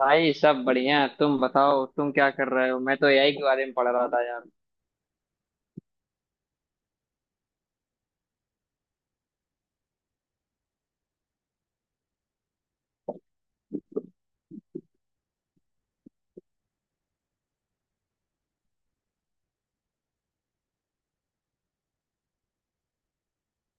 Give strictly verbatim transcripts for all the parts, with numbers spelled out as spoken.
भाई सब बढ़िया है। तुम बताओ तुम क्या कर रहे हो, मैं तो ए आ ई के बारे में पढ़ रहा था यार।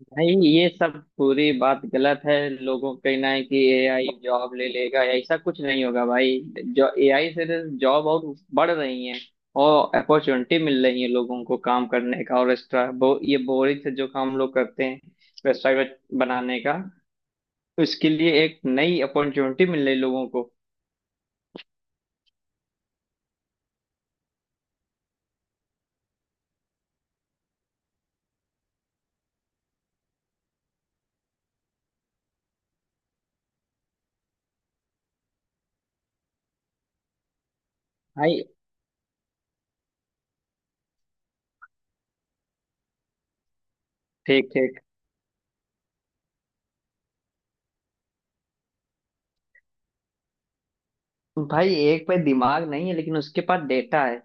भाई ये सब पूरी बात गलत है, लोगों का कहना है कि ए आ ई जॉब ले लेगा, ऐसा कुछ नहीं होगा भाई। जो ए आ ई से तो जॉब और बढ़ रही है, और अपॉर्चुनिटी मिल रही है लोगों को काम करने का। और एक्स्ट्रा बो, ये बोरिंग से जो काम लोग करते हैं, वेबसाइट बनाने का, उसके लिए एक नई अपॉर्चुनिटी मिल रही है लोगों को। भाई ठीक ठीक। भाई एक पे दिमाग नहीं है, लेकिन उसके पास डेटा है।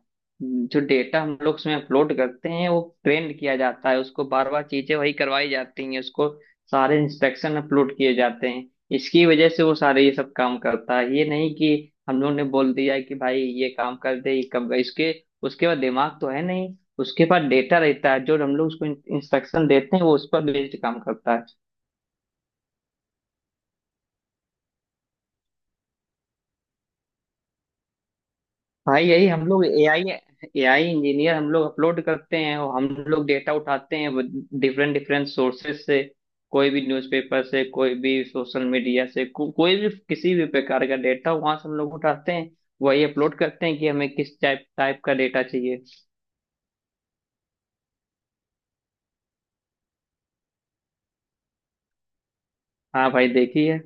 जो डेटा हम लोग उसमें अपलोड करते हैं वो ट्रेंड किया जाता है, उसको बार बार चीजें वही करवाई जाती हैं, उसको सारे इंस्ट्रक्शन अपलोड किए जाते हैं। इसकी वजह से वो सारे ये सब काम करता है। ये नहीं कि हम लोग ने बोल दिया है कि भाई ये काम कर दे, ये कब इसके उसके बाद। दिमाग तो है नहीं, उसके पास डेटा रहता है, जो हम लोग उसको इंस्ट्रक्शन देते हैं वो उस पर बेस्ड काम करता है। भाई यही हम लोग ए आ ई, ए आ ई इंजीनियर हम लोग अपलोड करते हैं, और हम लोग डेटा उठाते हैं डिफरेंट डिफरेंट सोर्सेस से। कोई भी न्यूज़पेपर से, कोई भी सोशल मीडिया से, को, कोई भी किसी भी प्रकार का डेटा वहां से हम लोग उठाते हैं। वही अपलोड करते हैं कि हमें किस टाइप टाइप का डेटा चाहिए। हाँ भाई, देखिए।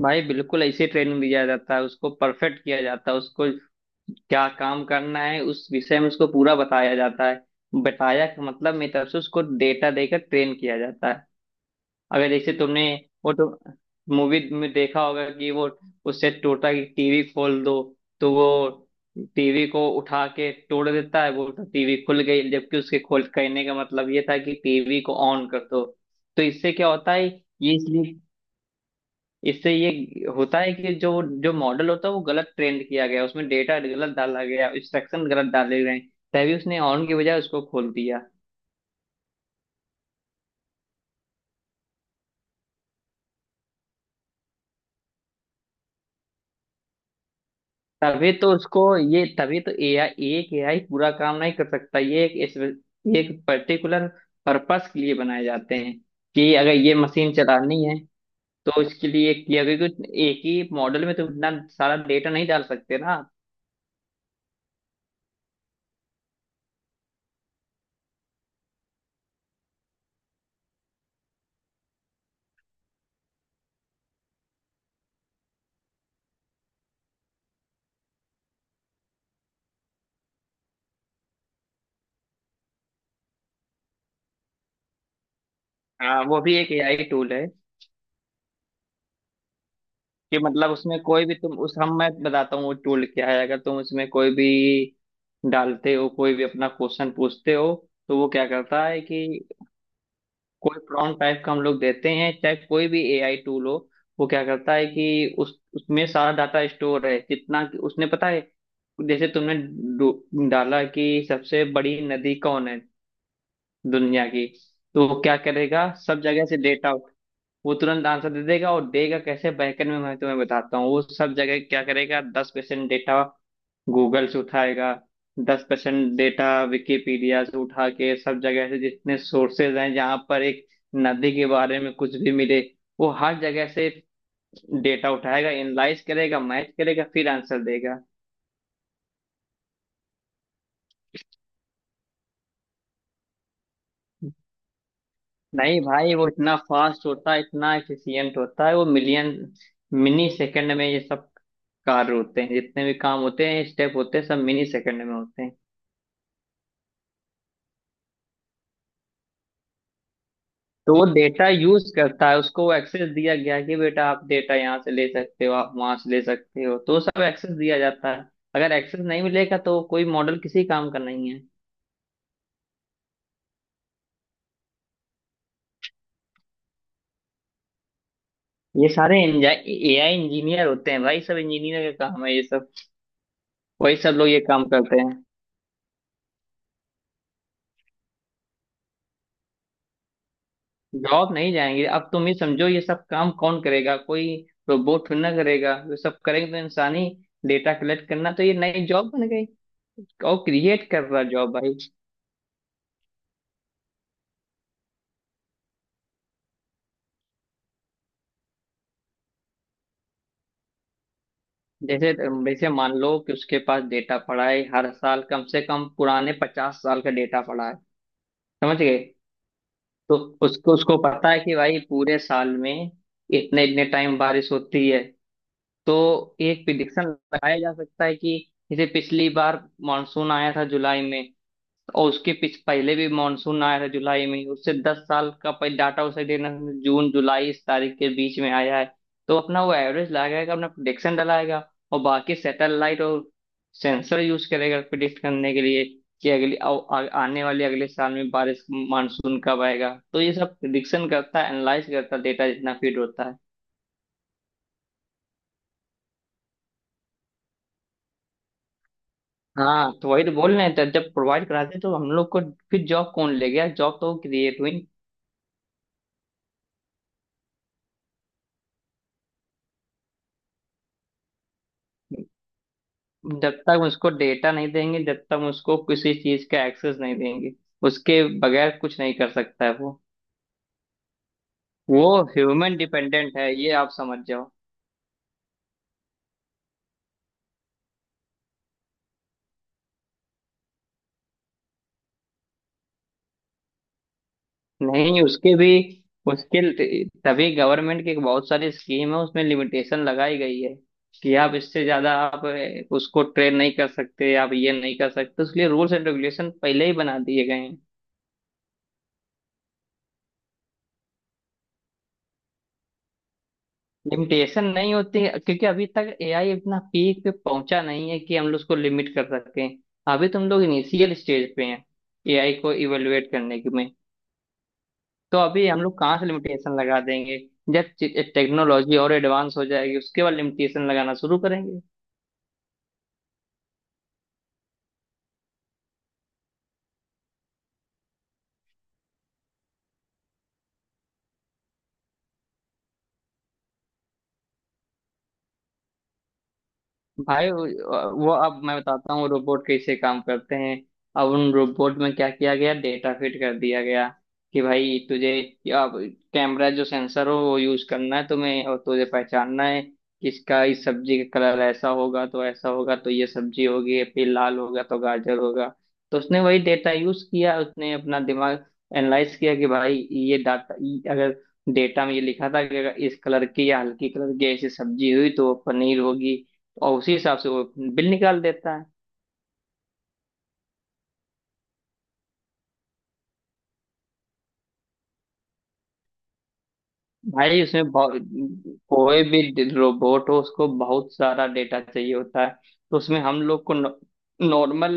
भाई बिल्कुल ऐसे ट्रेनिंग दिया जाता है, उसको परफेक्ट किया जाता है, उसको क्या काम करना है उस विषय में उसको पूरा बताया जाता है। बताया का मतलब मेरी तरफ से उसको डेटा देकर ट्रेन किया जाता है। अगर जैसे तुमने वो तो मूवी में देखा होगा कि वो उससे टोटता है कि टी वी खोल दो, तो वो टी वी को उठा के तोड़ देता है। वो तो टी वी खुल गई, जबकि उसके खोल कहने का मतलब ये था कि टी वी को ऑन कर दो। तो इससे क्या होता है, ये इसलिए इससे ये होता है कि जो जो मॉडल होता है वो गलत ट्रेंड किया गया, उसमें डेटा गलत डाला गया, इंस्ट्रक्शन गलत डाले गए, तभी उसने ऑन की बजाय उसको खोल दिया। तभी तो उसको ये, तभी तो ए आ ई, एक ए आ ई पूरा काम नहीं कर सकता, ये एक इस, ये एक पर्टिकुलर पर्पस के लिए बनाए जाते हैं, कि अगर ये मशीन चलानी है तो इसके लिए। कि अगर कुछ एक ही मॉडल में तो इतना सारा डेटा नहीं डाल सकते ना। हाँ, वो भी एक ए आ ई टूल है। कि मतलब उसमें कोई भी, तुम उस हम मैं बताता हूँ वो टूल क्या है। अगर तुम उसमें कोई भी डालते हो, कोई भी अपना क्वेश्चन पूछते हो, तो वो क्या करता है कि, कोई प्रॉम्प्ट टाइप का हम लोग देते हैं, चाहे कोई भी ए आ ई टूल हो, वो क्या करता है कि उस उसमें सारा डाटा स्टोर है जितना कि उसने पता है। जैसे तुमने डू- डाला कि सबसे बड़ी नदी कौन है दुनिया की, तो वो क्या करेगा, सब जगह से डेटा, वो तुरंत आंसर दे देगा। और देगा कैसे, बैकएंड में मैं तुम्हें बताता हूँ। वो सब जगह क्या करेगा, दस परसेंट डेटा गूगल से उठाएगा, दस परसेंट डेटा विकिपीडिया से उठा के, सब जगह से जितने सोर्सेज हैं जहाँ पर एक नदी के बारे में कुछ भी मिले, वो हर जगह से डेटा उठाएगा, एनालाइज करेगा, मैच करेगा, फिर आंसर देगा। नहीं भाई, वो इतना फास्ट होता है, इतना एफिशिएंट होता है, वो मिलियन मिनी सेकंड में ये सब कार्य होते हैं, जितने भी काम होते हैं, स्टेप होते हैं, सब मिनी सेकंड में होते हैं। तो वो डेटा यूज करता है, उसको वो एक्सेस दिया गया है कि बेटा आप डेटा यहाँ से ले सकते हो, आप वहां से ले सकते हो, तो वो सब एक्सेस दिया जाता है। अगर एक्सेस नहीं मिलेगा तो कोई मॉडल किसी काम का नहीं है। ये सारे ए आ ई इंजीनियर होते हैं भाई, सब इंजीनियर का काम है ये सब। वही सब लोग ये काम करते हैं। जॉब नहीं जाएंगे, अब तुम ही समझो ये सब काम कौन करेगा, कोई रोबोट थोड़ी ना करेगा, ये सब करेंगे तो इंसान ही। डेटा कलेक्ट करना तो ये नई जॉब बन गई। और क्रिएट कर रहा जॉब भाई। जैसे जैसे मान लो कि उसके पास डेटा पड़ा है, हर साल कम से कम पुराने पचास साल का डेटा पड़ा है, समझ गए। तो उसको उसको पता है कि भाई पूरे साल में इतने इतने टाइम बारिश होती है। तो एक प्रिडिक्शन लगाया जा सकता है कि, जैसे पिछली बार मानसून आया था जुलाई में, और उसके पीछ पहले भी मानसून आया है जुलाई में ही। उससे दस साल का पहले डाटा उसे देना, जून जुलाई इस तारीख के बीच में आया है। तो अपना वो एवरेज लगाएगा, अपना प्रिडिक्शन डलाएगा, और बाकी सैटेलाइट और सेंसर यूज करेगा प्रिडिक्ट करने के लिए कि अगली आ, आ, आने वाले अगले साल में बारिश मानसून कब आएगा। तो ये सब प्रिडिक्शन करता है, एनालाइज करता है, डेटा जितना फीड होता है। हाँ, तो वही तो बोल रहे हैं, तो जब प्रोवाइड कराते हैं, तो हम लोग को फिर जॉब कौन ले गया, जॉब तो क्रिएट हुई। जब तक उसको डेटा नहीं देंगे, जब तक उसको किसी चीज का एक्सेस नहीं देंगे, उसके बगैर कुछ नहीं कर सकता है वो। वो ह्यूमन डिपेंडेंट है, ये आप समझ जाओ। नहीं, उसके भी उसके तभी गवर्नमेंट की बहुत सारी स्कीम है, उसमें लिमिटेशन लगाई गई है कि आप इससे ज्यादा आप उसको ट्रेन नहीं कर सकते, आप ये नहीं कर सकते, उसके लिए रूल्स एंड रेगुलेशन पहले ही बना दिए गए हैं। लिमिटेशन नहीं होती है, क्योंकि अभी तक ए आ ई इतना पीक पे पहुंचा नहीं है कि हम लोग उसको लिमिट कर सकें। अभी तुम लोग इनिशियल स्टेज पे हैं ए आ ई को इवेलुएट करने की में। तो अभी हम लोग कहाँ से लिमिटेशन लगा देंगे। जब टेक्नोलॉजी और एडवांस हो जाएगी उसके बाद लिमिटेशन लगाना शुरू करेंगे। भाई वो वो अब मैं बताता हूँ रोबोट कैसे काम करते हैं। अब उन रोबोट में क्या किया गया, डेटा फिट कर दिया गया कि भाई तुझे, अब कैमरा जो सेंसर हो वो यूज करना है तुम्हें, और तुझे पहचानना है किसका। इस सब्जी का कलर ऐसा होगा तो ऐसा होगा तो ये सब्जी होगी, फिर लाल होगा तो गाजर होगा। तो उसने वही डेटा यूज किया, उसने अपना दिमाग एनालाइज किया कि भाई ये डाटा, अगर डेटा में ये लिखा था कि अगर इस कलर की या हल्की कलर की ऐसी सब्जी हुई तो वो पनीर होगी, और उसी हिसाब से वो बिल निकाल देता है। भाई उसमें बहु- कोई भी रोबोट हो उसको बहुत सारा डेटा चाहिए होता है। तो उसमें हम लोग को नॉर्मल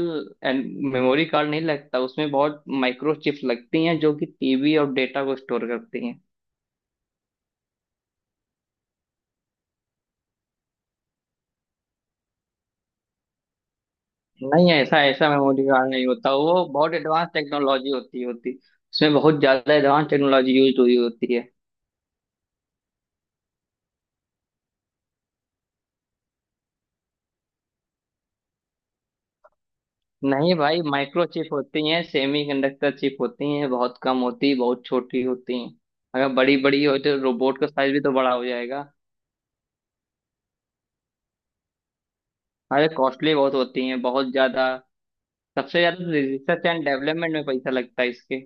मेमोरी कार्ड नहीं लगता, उसमें बहुत माइक्रो चिप्स लगती हैं जो कि टी बी और डेटा को स्टोर करती हैं। नहीं, ऐसा ऐसा मेमोरी कार्ड नहीं होता, वो बहुत एडवांस टेक्नोलॉजी होती होती। उसमें बहुत ज्यादा एडवांस टेक्नोलॉजी यूज हुई होती है। नहीं भाई, माइक्रोचिप होती हैं, सेमीकंडक्टर चिप होती हैं, बहुत कम होती, बहुत छोटी होती हैं। अगर बड़ी बड़ी हो तो रोबोट का साइज भी तो बड़ा हो जाएगा। अरे कॉस्टली बहुत होती हैं, बहुत ज्यादा। सबसे ज्यादा रिसर्च एंड डेवलपमेंट में पैसा लगता है इसके।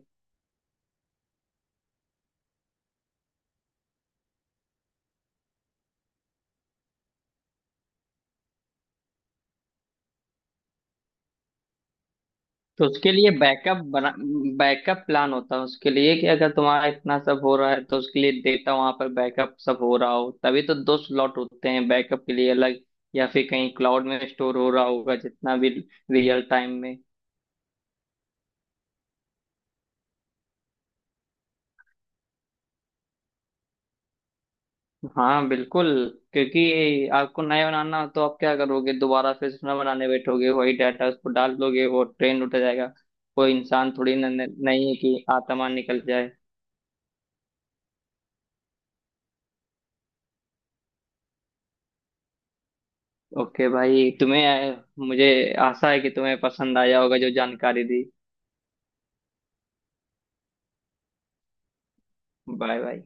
तो उसके लिए बैकअप बना, बैकअप प्लान होता है उसके लिए, कि अगर तुम्हारा इतना सब हो रहा है तो उसके लिए डेटा वहां पर बैकअप सब हो रहा हो, तभी तो दो स्लॉट होते हैं बैकअप के लिए अलग, या फिर कहीं क्लाउड में स्टोर हो रहा होगा जितना भी रियल टाइम में। हाँ बिल्कुल। क्योंकि आपको नया बनाना, तो आप क्या करोगे, दोबारा फिर से नया बनाने बैठोगे, वही डाटा उसको डाल दोगे, वो ट्रेंड उठ जाएगा। कोई इंसान थोड़ी न, न, नहीं है कि आत्मा निकल जाए। ओके भाई, तुम्हें, मुझे आशा है कि तुम्हें पसंद आया होगा जो जानकारी दी। Bye bye.